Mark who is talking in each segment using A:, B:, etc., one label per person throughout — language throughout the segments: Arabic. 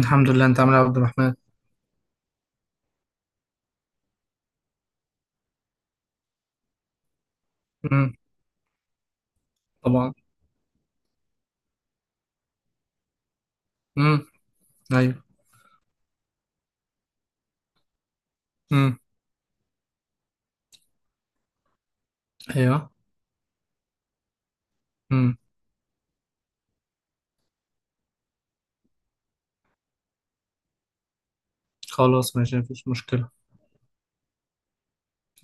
A: الحمد لله، انت عامل ايه يا عبد الرحمن؟ امم. طبعا. امم. ايوه. امم. ايوه. امم. خلاص ماشي، مفيش مشكله.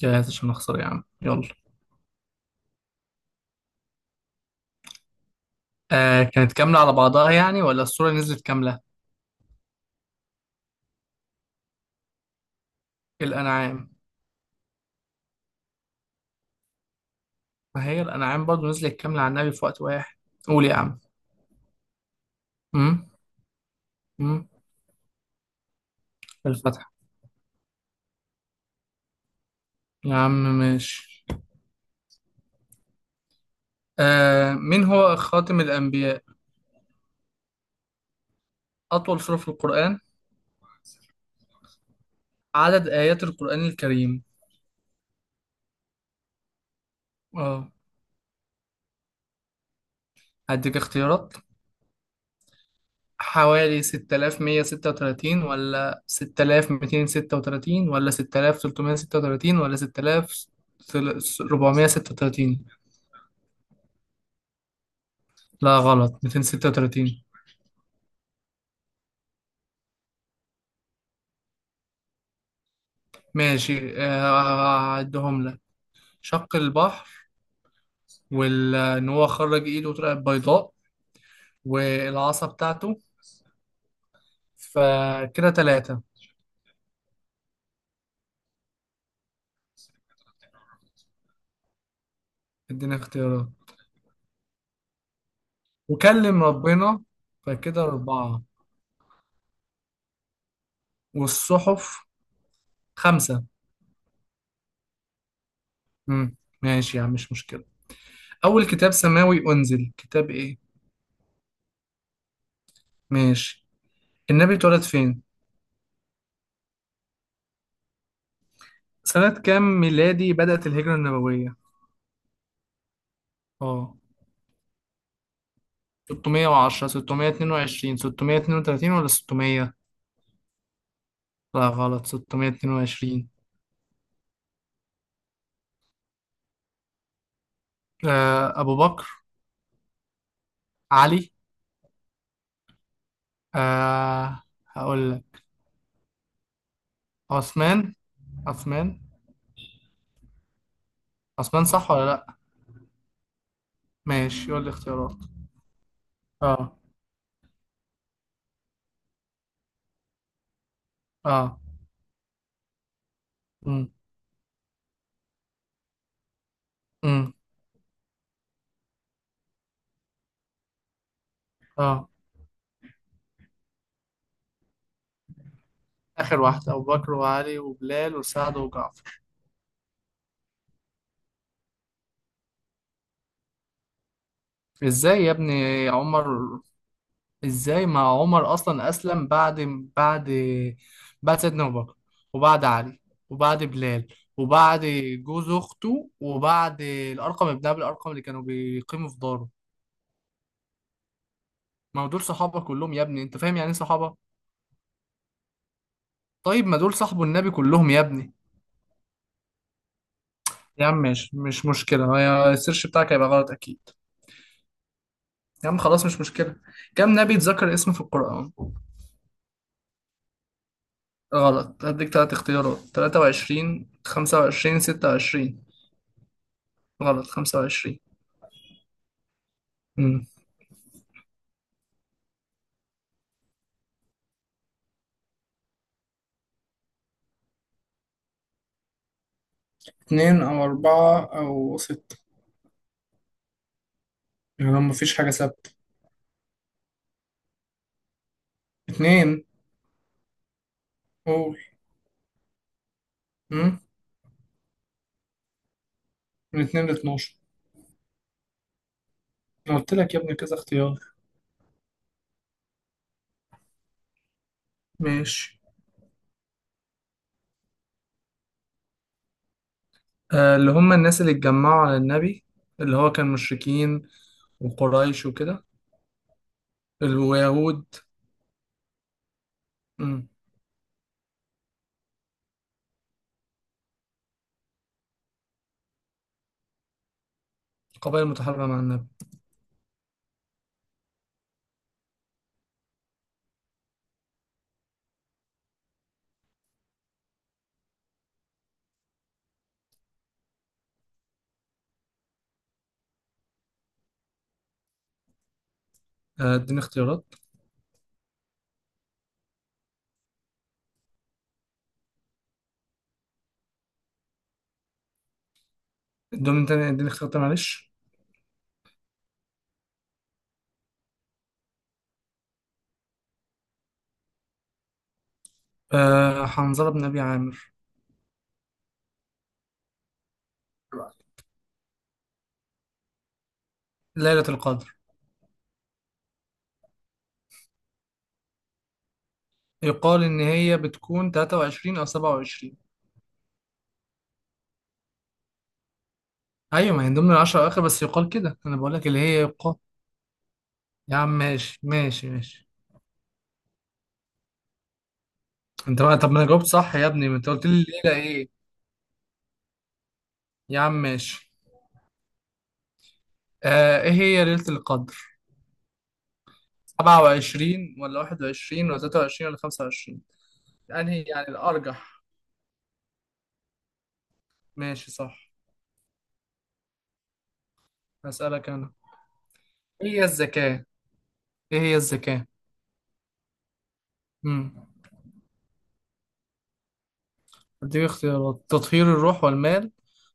A: جاهز عشان اخسر يا عم، يلا. آه، كانت كامله على بعضها يعني، ولا الصوره نزلت كامله؟ الانعام. ما هي الانعام برضو نزلت كامله على النبي في وقت واحد. قول يا عم. امم. امم. الفتح. يا عم، ماشي. آه، مين هو خاتم الانبياء؟ اطول سوره في القران؟ عدد ايات القران الكريم؟ اه. هديك اختيارات، حوالي 6136 ولا 6236 ولا 6336 ولا 6436؟ لا غلط، 236. ماشي. آه، هعدهم لك. شق البحر. وان هو خرج ايده طلعت بيضاء. والعصا بتاعته. فكده ثلاثة. اديني اختيارات. وكلم ربنا. فكده أربعة. والصحف. خمسة. مم. ماشي يا عم، مش مشكلة. أول كتاب سماوي أنزل كتاب إيه؟ ماشي. النبي اتولد فين؟ سنة كام ميلادي بدأت الهجرة النبوية؟ آه، 610، 622، 632 ولا 600؟ لا غلط، 622. آه، أبو بكر. علي. آه. هقول لك. عثمان. عثمان. عثمان صح ولا لأ؟ ماشي، يقول لي اختيارات. آه. آه. أمم. أمم. آه. آخر واحدة، أبو بكر وعلي وبلال وسعد وجعفر. ازاي يا ابني؟ عمر؟ ازاي، ما عمر اصلا اسلم بعد بعد سيدنا ابو بكر. وبعد علي. وبعد بلال. وبعد جوز اخته، وبعد الارقم ابن ابي الارقم اللي كانوا بيقيموا في داره. ما هو دول صحابه كلهم يا ابني، انت فاهم يعني ايه صحابه؟ طيب، ما دول صاحبه النبي كلهم يا ابني. يا عم ماشي، مش مشكلة، هي السيرش بتاعك هيبقى غلط أكيد. يا عم خلاص، مش مشكلة. كم نبي اتذكر اسمه في القرآن؟ غلط، هديك تلات اختيارات، تلاتة وعشرين، خمسة وعشرين، ستة وعشرين. غلط، خمسة وعشرين. اتنين أو أربعة أو ستة. يعني لو مفيش حاجة ثابتة. اتنين. قول. أمم. من اتنين لاتناشر. أنا قلت لك يا ابني كذا اختيار. ماشي. آه، اللي هم الناس اللي اتجمعوا على النبي. اللي هو كان مشركين، وقريش وكده. اليهود. أمم. القبائل المتحاربة مع النبي. آه، اديني اختيارات. ادوني تاني، اديني اختيارات تاني، معلش. آه، حنظلة بن أبي عامر. ليلة القدر. يقال إن هي بتكون 23 أو 27. أيوة، ما هي من ضمن العشرة أواخر، بس يقال كده، أنا بقول لك اللي هي يقال. يا عم، ماشي ماشي ماشي. انت بقى؟ طب ما انا جاوبت صح يا ابني، ما انت قلت لي الليله ايه؟ يا عم، ماشي. آه، ايه هي ليله القدر؟ 27 ولا 21 ولا 23 ولا 25؟ انهي يعني الارجح؟ ماشي، صح. هسألك انا. ايه هي الزكاه؟ ايه هي الزكاه؟ امم. اديك اختيارات، تطهير الروح والمال،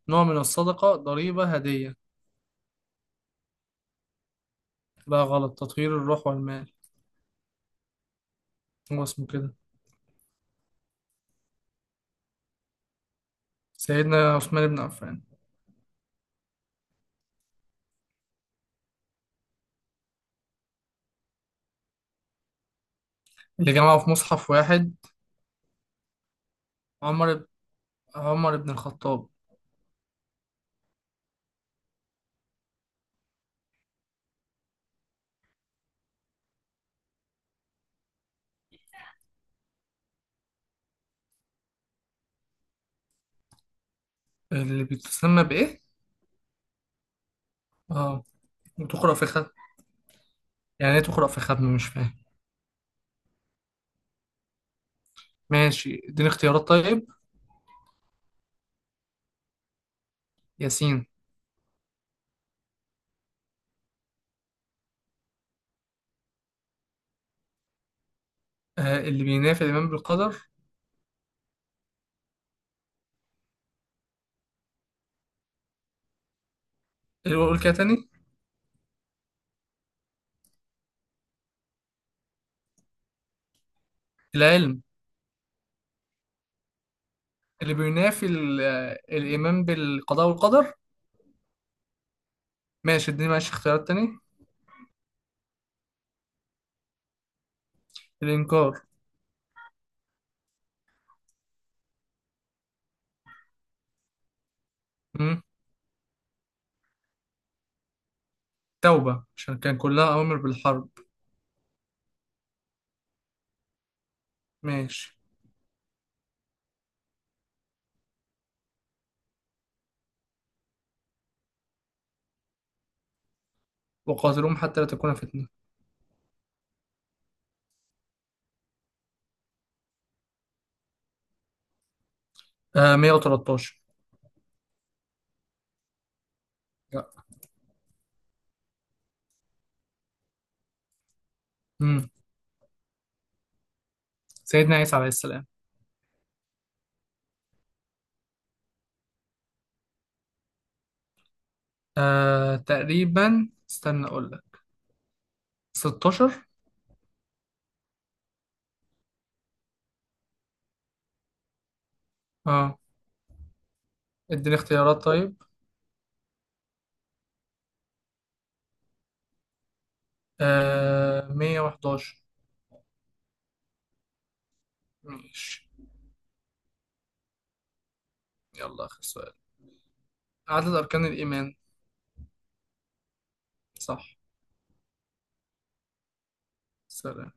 A: نوع من الصدقه، ضريبه، هديه؟ لا غلط، تطهير الروح والمال. هو اسمه كده. سيدنا عثمان بن عفان. اللي جمعه في مصحف واحد؟ عمر. عمر بن الخطاب. اللي بتسمى بإيه؟ اه. وتقرأ في ختم. يعني ايه تقرأ في ختم؟ مش فاهم. ماشي، اديني اختيارات طيب. ياسين. آه، اللي بينافي الإيمان بالقدر؟ اللي بقول كده تاني؟ العلم. اللي بينافي الإيمان بالقضاء والقدر. ماشي اديني، ماشي اختيارات تاني. الإنكار. مم. توبة، عشان كان كلها أوامر بالحرب. ماشي. وقاتلهم حتى لا تكون فتنة. آه، 113. لا. مم. سيدنا عيسى عليه السلام. آه، تقريبا استنى أقول لك. 16. اه، اديني اختيارات طيب. آه، 111. ماشي. يلا، آخر سؤال، عدد أركان الإيمان؟ صح. سلام.